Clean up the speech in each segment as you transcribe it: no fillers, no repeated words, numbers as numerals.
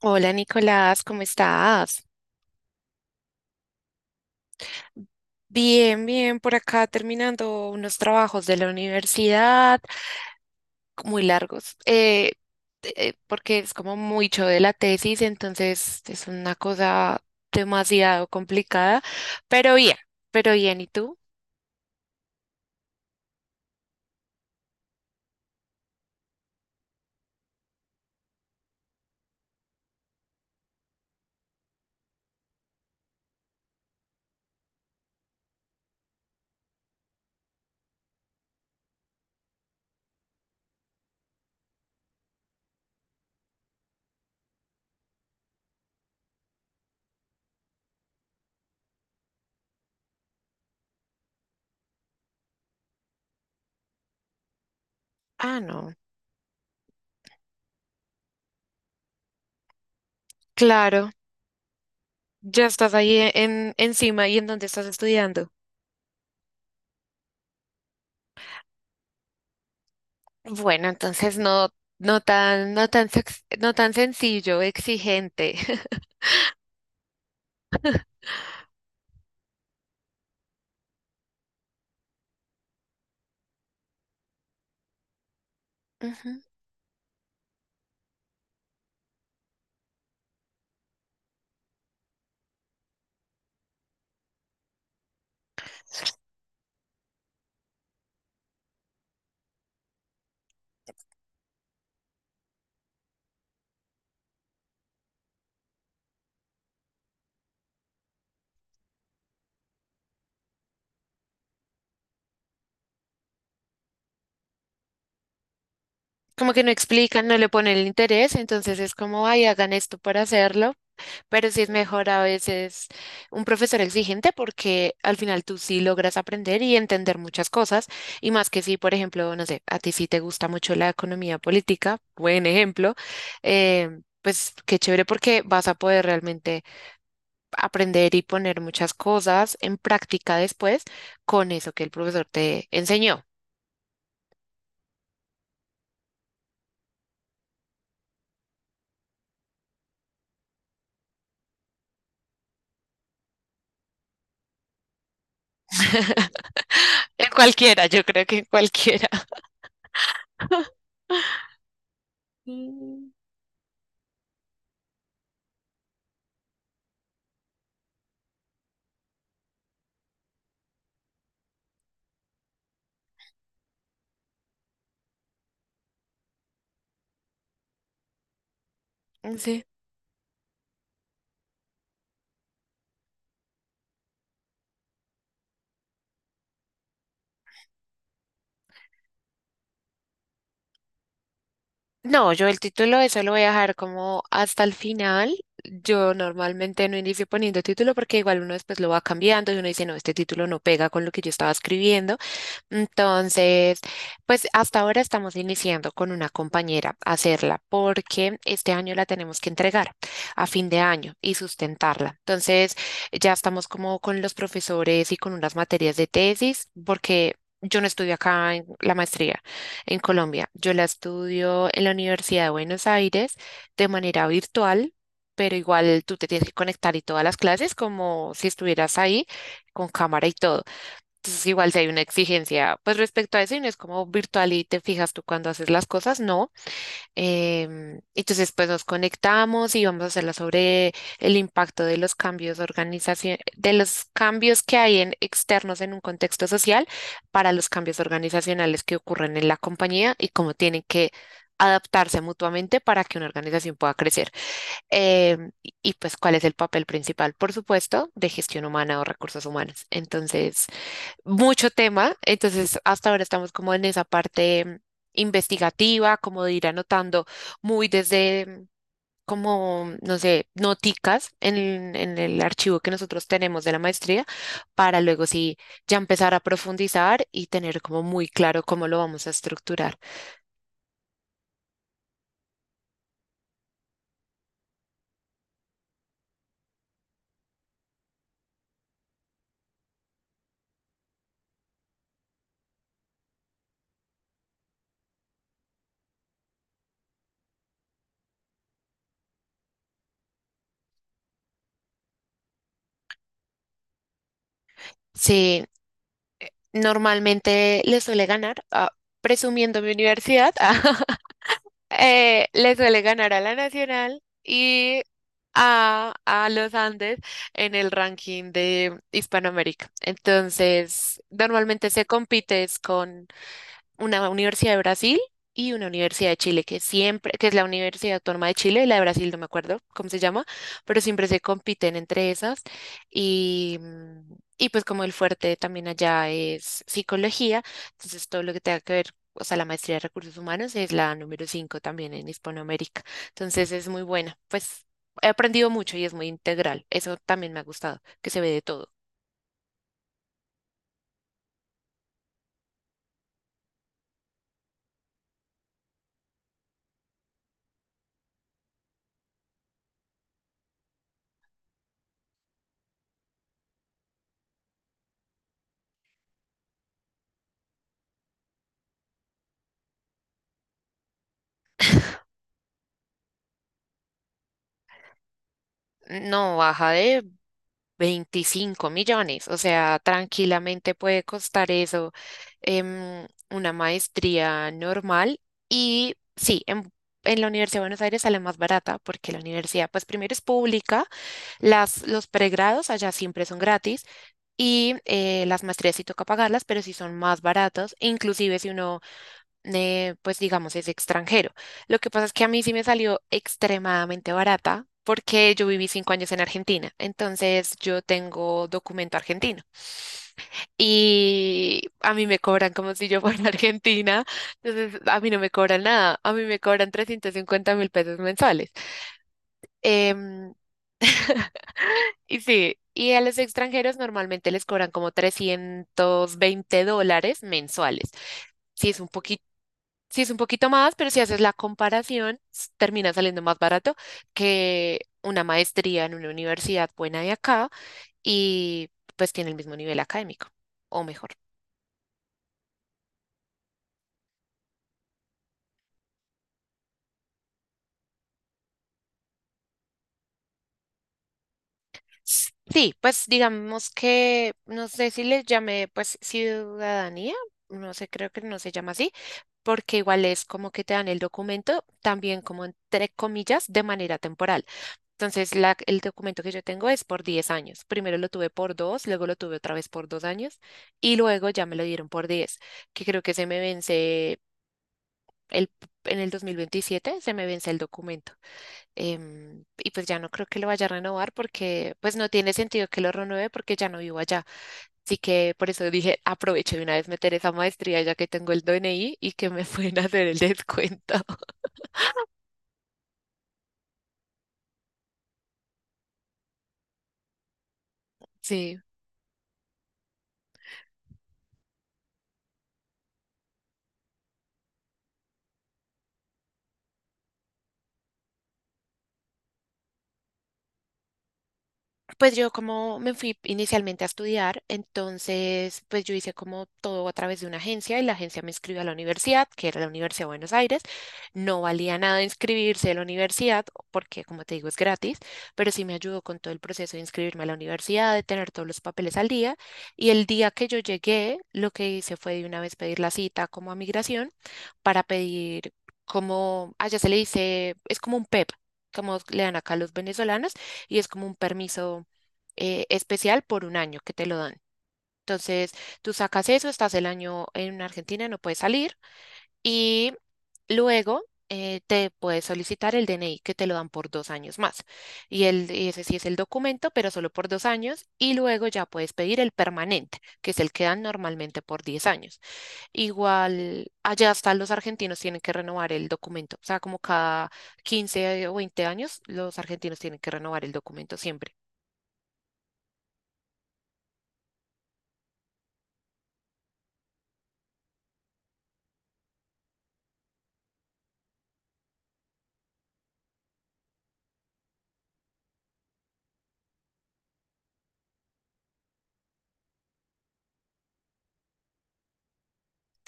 Hola Nicolás, ¿cómo estás? Bien, bien, por acá terminando unos trabajos de la universidad, muy largos, porque es como mucho de la tesis, entonces es una cosa demasiado complicada, pero bien, pero bien, ¿y tú? Ah, no, claro, ya estás ahí encima. ¿Y en dónde estás estudiando? Bueno, entonces no, no tan sencillo, exigente. Como que no explican, no le ponen el interés, entonces es como, ay, hagan esto para hacerlo, pero sí es mejor a veces un profesor exigente porque al final tú sí logras aprender y entender muchas cosas, y más que si, por ejemplo, no sé, a ti sí te gusta mucho la economía política, buen ejemplo, pues qué chévere porque vas a poder realmente aprender y poner muchas cosas en práctica después con eso que el profesor te enseñó. En cualquiera, yo creo que en cualquiera. Sí. Sí. No, yo el título eso lo voy a dejar como hasta el final. Yo normalmente no inicio poniendo título porque igual uno después lo va cambiando y uno dice, no, este título no pega con lo que yo estaba escribiendo. Entonces, pues hasta ahora estamos iniciando con una compañera a hacerla porque este año la tenemos que entregar a fin de año y sustentarla. Entonces, ya estamos como con los profesores y con unas materias de tesis porque yo no estudio acá en la maestría en Colombia. Yo la estudio en la Universidad de Buenos Aires de manera virtual. Pero igual tú te tienes que conectar y todas las clases como si estuvieras ahí con cámara y todo. Entonces, igual si hay una exigencia, pues respecto a eso, y no es como virtual y te fijas tú cuando haces las cosas, no. Entonces, pues nos conectamos y vamos a hacerla sobre el impacto de los cambios organización, de los cambios que hay en externos en un contexto social para los cambios organizacionales que ocurren en la compañía y cómo tienen que adaptarse mutuamente para que una organización pueda crecer. Y, pues cuál es el papel principal, por supuesto, de gestión humana o recursos humanos. Entonces, mucho tema, entonces hasta ahora estamos como en esa parte investigativa, como de ir anotando muy desde como, no sé, noticas en el archivo que nosotros tenemos de la maestría, para luego sí ya empezar a profundizar y tener como muy claro cómo lo vamos a estructurar. Sí, normalmente le suele ganar, presumiendo mi universidad, le suele ganar a la Nacional y a los Andes en el ranking de Hispanoamérica. Entonces, normalmente se compite es con una universidad de Brasil y una universidad de Chile, que siempre, que es la Universidad Autónoma de Chile, y la de Brasil no me acuerdo cómo se llama, pero siempre se compiten entre esas. Y pues como el fuerte también allá es psicología, entonces todo lo que tenga que ver, o sea, la maestría de recursos humanos es la número 5 también en Hispanoamérica. Entonces es muy buena, pues he aprendido mucho y es muy integral. Eso también me ha gustado, que se ve de todo. No baja de 25 millones, o sea, tranquilamente puede costar eso una maestría normal y sí, en la Universidad de Buenos Aires sale más barata porque la universidad, pues primero es pública, los pregrados allá siempre son gratis y las maestrías sí toca pagarlas, pero sí son más baratos, inclusive si uno pues digamos, es extranjero. Lo que pasa es que a mí sí me salió extremadamente barata porque yo viví 5 años en Argentina, entonces yo tengo documento argentino y a mí me cobran como si yo fuera argentina, entonces a mí no me cobran nada, a mí me cobran 350.000 pesos mensuales. Em, y sí, y a los extranjeros normalmente les cobran como 320 dólares mensuales. Sí, es un poquito Sí, es un poquito más, pero si haces la comparación, termina saliendo más barato que una maestría en una universidad buena de acá y pues tiene el mismo nivel académico, o mejor. Sí, pues digamos que, no sé si les llamé pues ciudadanía, no sé, creo que no se llama así, porque igual es como que te dan el documento, también como entre comillas, de manera temporal. Entonces, el documento que yo tengo es por 10 años. Primero lo tuve por 2, luego lo tuve otra vez por 2 años y luego ya me lo dieron por 10, que creo que se me vence el, en el 2027, se me vence el documento. Y pues ya no creo que lo vaya a renovar porque pues no tiene sentido que lo renueve porque ya no vivo allá. Así que por eso dije, aprovecho de una vez meter esa maestría ya que tengo el DNI y que me pueden hacer el descuento. Sí. Pues yo como me fui inicialmente a estudiar, entonces pues yo hice como todo a través de una agencia y la agencia me inscribió a la universidad, que era la Universidad de Buenos Aires. No valía nada inscribirse a la universidad porque como te digo es gratis, pero sí me ayudó con todo el proceso de inscribirme a la universidad, de tener todos los papeles al día. Y el día que yo llegué, lo que hice fue de una vez pedir la cita como a migración para pedir como, allá se le dice, es como un PEP, como le dan acá a los venezolanos y es como un permiso especial por 1 año que te lo dan. Entonces, tú sacas eso, estás el año en Argentina, no puedes salir y luego te puedes solicitar el DNI que te lo dan por 2 años más. Y, ese sí es el documento, pero solo por 2 años y luego ya puedes pedir el permanente, que es el que dan normalmente por 10 años. Igual allá hasta los argentinos tienen que renovar el documento, o sea, como cada 15 o 20 años los argentinos tienen que renovar el documento siempre.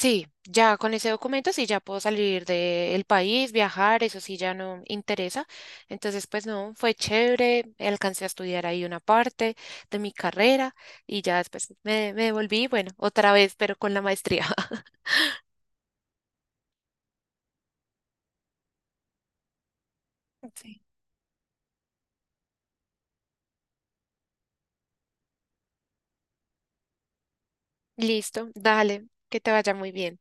Sí, ya con ese documento sí ya puedo salir del país, viajar, eso sí ya no interesa. Entonces, pues no, fue chévere, alcancé a estudiar ahí una parte de mi carrera y ya después me devolví, bueno, otra vez, pero con la maestría. Sí. Listo, dale, que te vaya muy bien.